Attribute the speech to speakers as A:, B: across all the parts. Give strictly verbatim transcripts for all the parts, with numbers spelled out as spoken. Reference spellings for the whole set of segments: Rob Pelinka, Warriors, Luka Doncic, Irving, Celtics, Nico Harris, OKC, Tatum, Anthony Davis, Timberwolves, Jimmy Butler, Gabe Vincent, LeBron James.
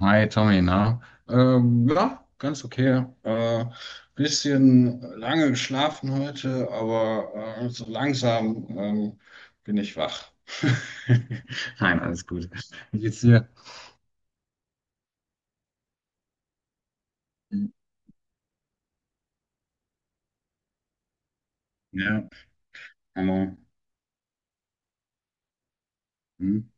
A: Hi Tommy, na? Ähm, ja, ganz okay. Äh, bisschen lange geschlafen heute, aber äh, so langsam ähm, bin ich wach. Nein, alles gut. Wie geht's dir? Ja, aber, hm.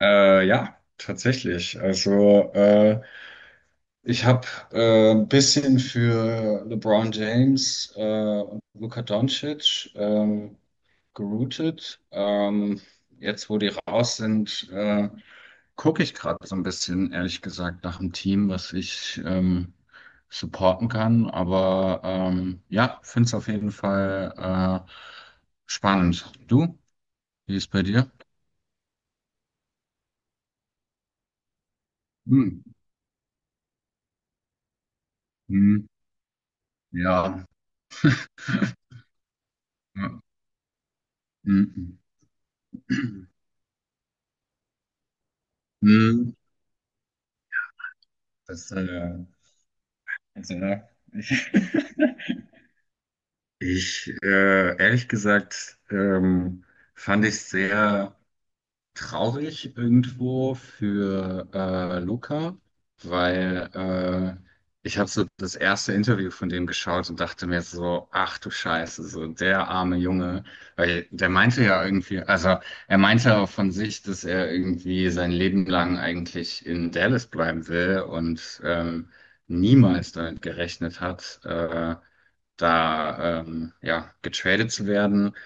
A: Äh, ja, tatsächlich. Also äh, Ich habe äh, ein bisschen für LeBron James äh, und Luka Doncic ähm, geroutet. Ähm, jetzt, wo die raus sind, äh, gucke ich gerade so ein bisschen, ehrlich gesagt, nach einem Team, was ich ähm, supporten kann. Aber ähm, ja, finde es auf jeden Fall äh, spannend. Du, wie ist bei dir? Hm. Hm. Ja. Ja. Hm. Hm. Das, äh, Also, ja. Ich, Ich, äh, ehrlich gesagt, ähm, fand ich sehr traurig irgendwo für äh, Luca, weil äh, ich habe so das erste Interview von dem geschaut und dachte mir so, ach du Scheiße, so der arme Junge, weil der meinte ja irgendwie, also er meinte auch von sich, dass er irgendwie sein Leben lang eigentlich in Dallas bleiben will und ähm, niemals damit gerechnet hat, äh, da ähm, ja getradet zu werden.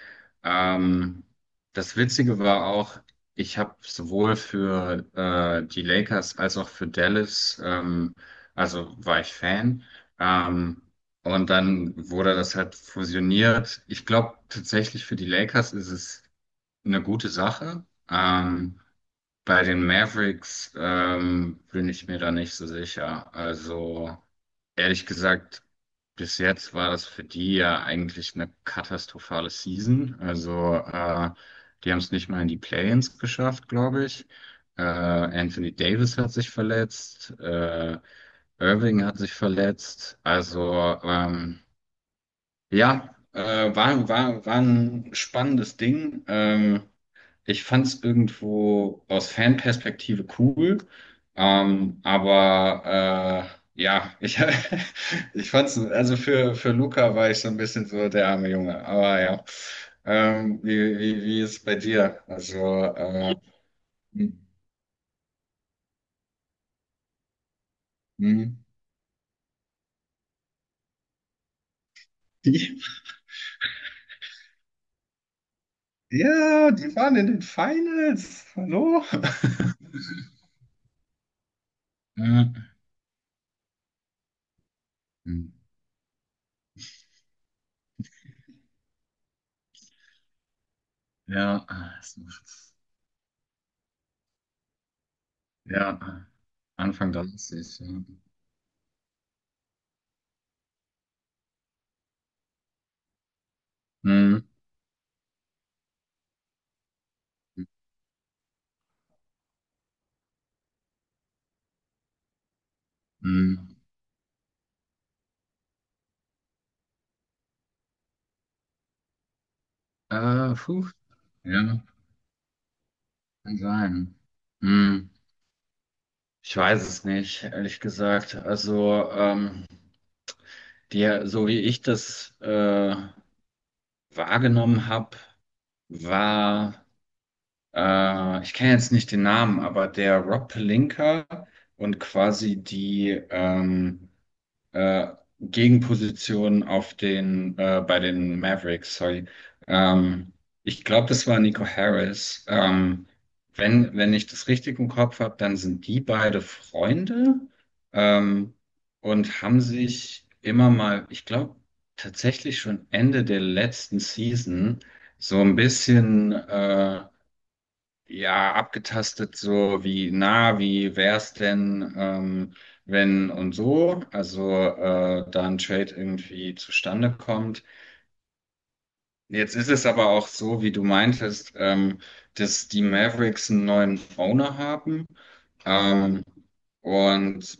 A: Ähm, das Witzige war auch, ich habe sowohl für äh, die Lakers als auch für Dallas ähm, also war ich Fan. Ähm, und dann wurde das halt fusioniert. Ich glaube tatsächlich für die Lakers ist es eine gute Sache. Ähm, bei den Mavericks ähm, bin ich mir da nicht so sicher. Also ehrlich gesagt, bis jetzt war das für die ja eigentlich eine katastrophale Season. Also, äh, die haben es nicht mal in die Play-ins geschafft, glaube ich. Äh, Anthony Davis hat sich verletzt, äh, Irving hat sich verletzt. Also, ähm, ja, äh, war, war, war ein spannendes Ding. Ähm, ich fand es irgendwo aus Fanperspektive cool, ähm, aber äh, ja, ich, ich fand es, also für, für Luca war ich so ein bisschen so der arme Junge, aber ja. Ähm, wie, wie, wie ist es bei dir? Also, äh, hm, hm. die, ja, die waren in den Finals. Hallo? Ja, hm. Ja, es macht's. Ja, Anfang dreißig. Ja. Hm, hm. Hm. Äh, puh, ja, kann sein. Hm, ich weiß es nicht, ehrlich gesagt. Also, ähm, der, so wie ich das äh, wahrgenommen habe, war, äh, ich kenne jetzt nicht den Namen, aber der Rob Pelinka und quasi die ähm, äh, Gegenposition auf den, äh, bei den Mavericks, sorry. Ähm, ich glaube, das war Nico Harris. Ähm, wenn, wenn ich das richtig im Kopf habe, dann sind die beide Freunde, ähm, und haben sich immer mal, ich glaube, tatsächlich schon Ende der letzten Season so ein bisschen, äh, ja, abgetastet, so wie na, wie wär's denn, ähm, wenn und so, also äh, da ein Trade irgendwie zustande kommt. Jetzt ist es aber auch so, wie du meintest, ähm, dass die Mavericks einen neuen Owner haben. Ähm, und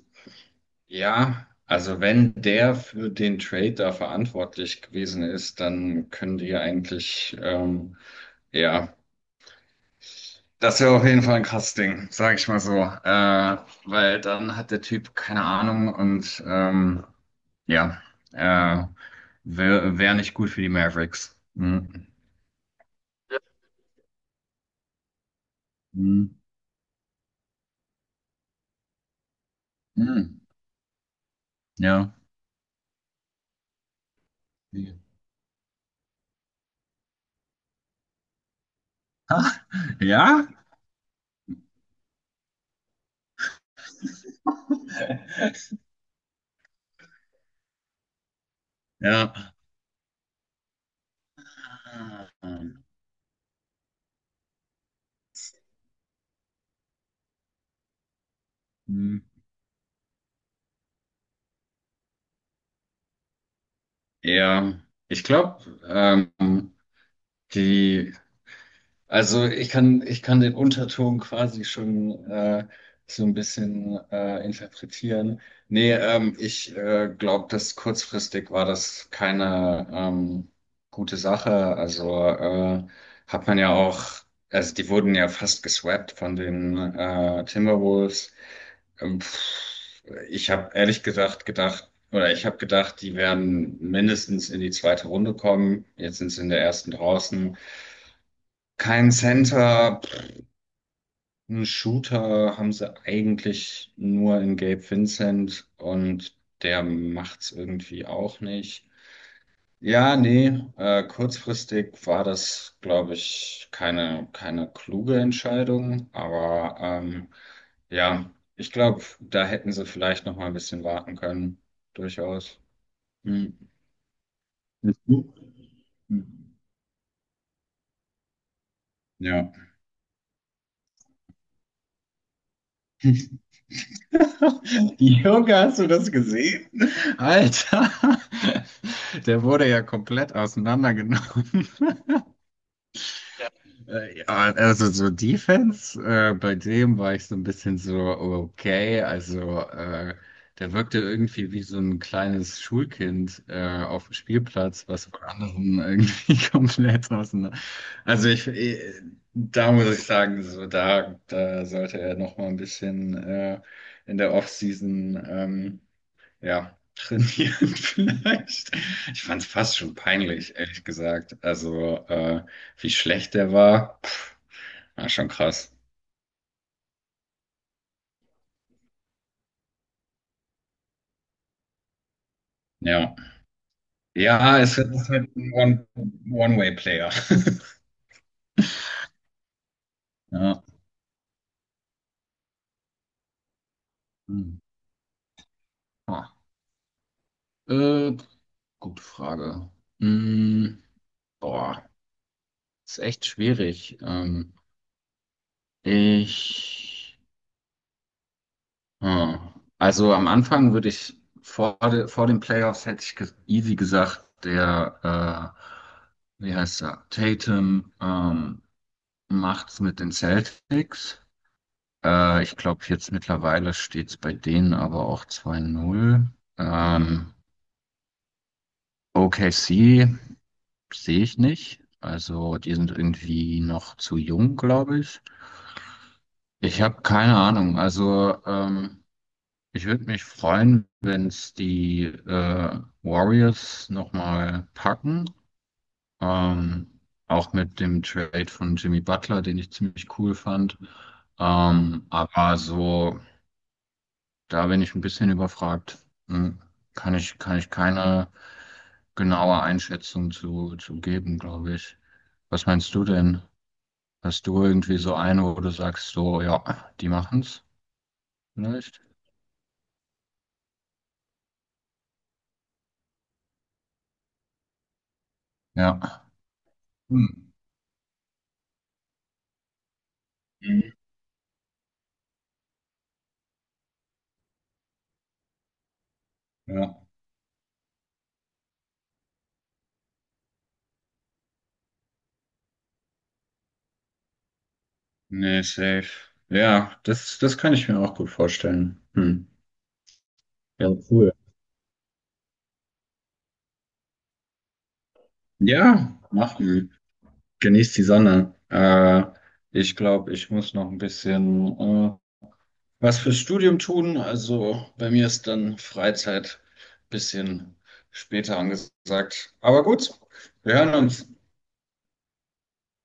A: ja, also wenn der für den Trade da verantwortlich gewesen ist, dann können die ja eigentlich ähm, ja. Das wäre auf jeden Fall ein krasses Ding, sag ich mal so. Äh, weil dann hat der Typ keine Ahnung und ähm, ja, äh, wäre wär wär nicht gut für die Mavericks. Mhm. Mhm. Mhm. Ja. Ha, ja? Ja. Mhm. Ja. Ich glaube, ähm, die Also ich kann, ich kann den Unterton quasi schon äh, so ein bisschen äh, interpretieren. Nee, ähm, ich äh, glaube, dass kurzfristig war das keine ähm, gute Sache. Also äh, hat man ja auch, also die wurden ja fast geswappt von den äh, Timberwolves. Ähm, pff, ich habe ehrlich gesagt gedacht, oder ich habe gedacht, die werden mindestens in die zweite Runde kommen. Jetzt sind sie in der ersten draußen. Kein Center. Einen Shooter haben sie eigentlich nur in Gabe Vincent, und der macht's irgendwie auch nicht. Ja, nee, äh, kurzfristig war das, glaube ich, keine, keine kluge Entscheidung, aber ähm, ja, ich glaube, da hätten sie vielleicht noch mal ein bisschen warten können, durchaus. Hm. Mhm. Ja. Junge, hast du das gesehen? Alter, der wurde ja komplett auseinandergenommen. Äh, Ja, also so Defense, äh, bei dem war ich so ein bisschen so, okay, also äh, der wirkte irgendwie wie so ein kleines Schulkind äh, auf dem Spielplatz, was von anderen irgendwie komplett auseinander. Also ich, eh, da muss ich sagen, so da, da sollte er noch mal ein bisschen äh, in der Offseason. Ähm, ja, trainieren vielleicht. Ich fand es fast schon peinlich, ehrlich gesagt. Also, äh, wie schlecht der war, pff, war schon krass. Ja. Ja, es ist halt ein One- One-Way-Player. Ja. Hm. Ah. Äh, gute Frage. Hm, boah, ist echt schwierig. Ähm, ich. Hm. Also am Anfang würde ich vor, de, vor den Playoffs hätte ich ge- easy gesagt, der, äh, wie heißt er, Tatum ähm, macht's mit den Celtics. Äh, ich glaube, jetzt mittlerweile steht's bei denen aber auch zwei null. Ähm, O K C sehe ich nicht. Also die sind irgendwie noch zu jung, glaube ich. Ich habe keine Ahnung. Also ähm, Ich würde mich freuen, wenn es die äh, Warriors nochmal packen. Ähm, auch mit dem Trade von Jimmy Butler, den ich ziemlich cool fand. Ähm, aber so, da bin ich ein bisschen überfragt. Hm, Kann ich, kann ich keine genaue Einschätzung zu, zu geben, glaube ich. Was meinst du denn? Hast du irgendwie so eine, wo du sagst, so, ja, die machen's vielleicht? Ja. Hm. Mhm. Ja. Nee, safe. Ja, das, das kann ich mir auch gut vorstellen. Hm. Ja, cool. Ja, machen. Genießt die Sonne. Äh, ich glaube, ich muss noch ein bisschen äh, was fürs Studium tun. Also bei mir ist dann Freizeit ein bisschen später angesagt. Aber gut, wir hören uns.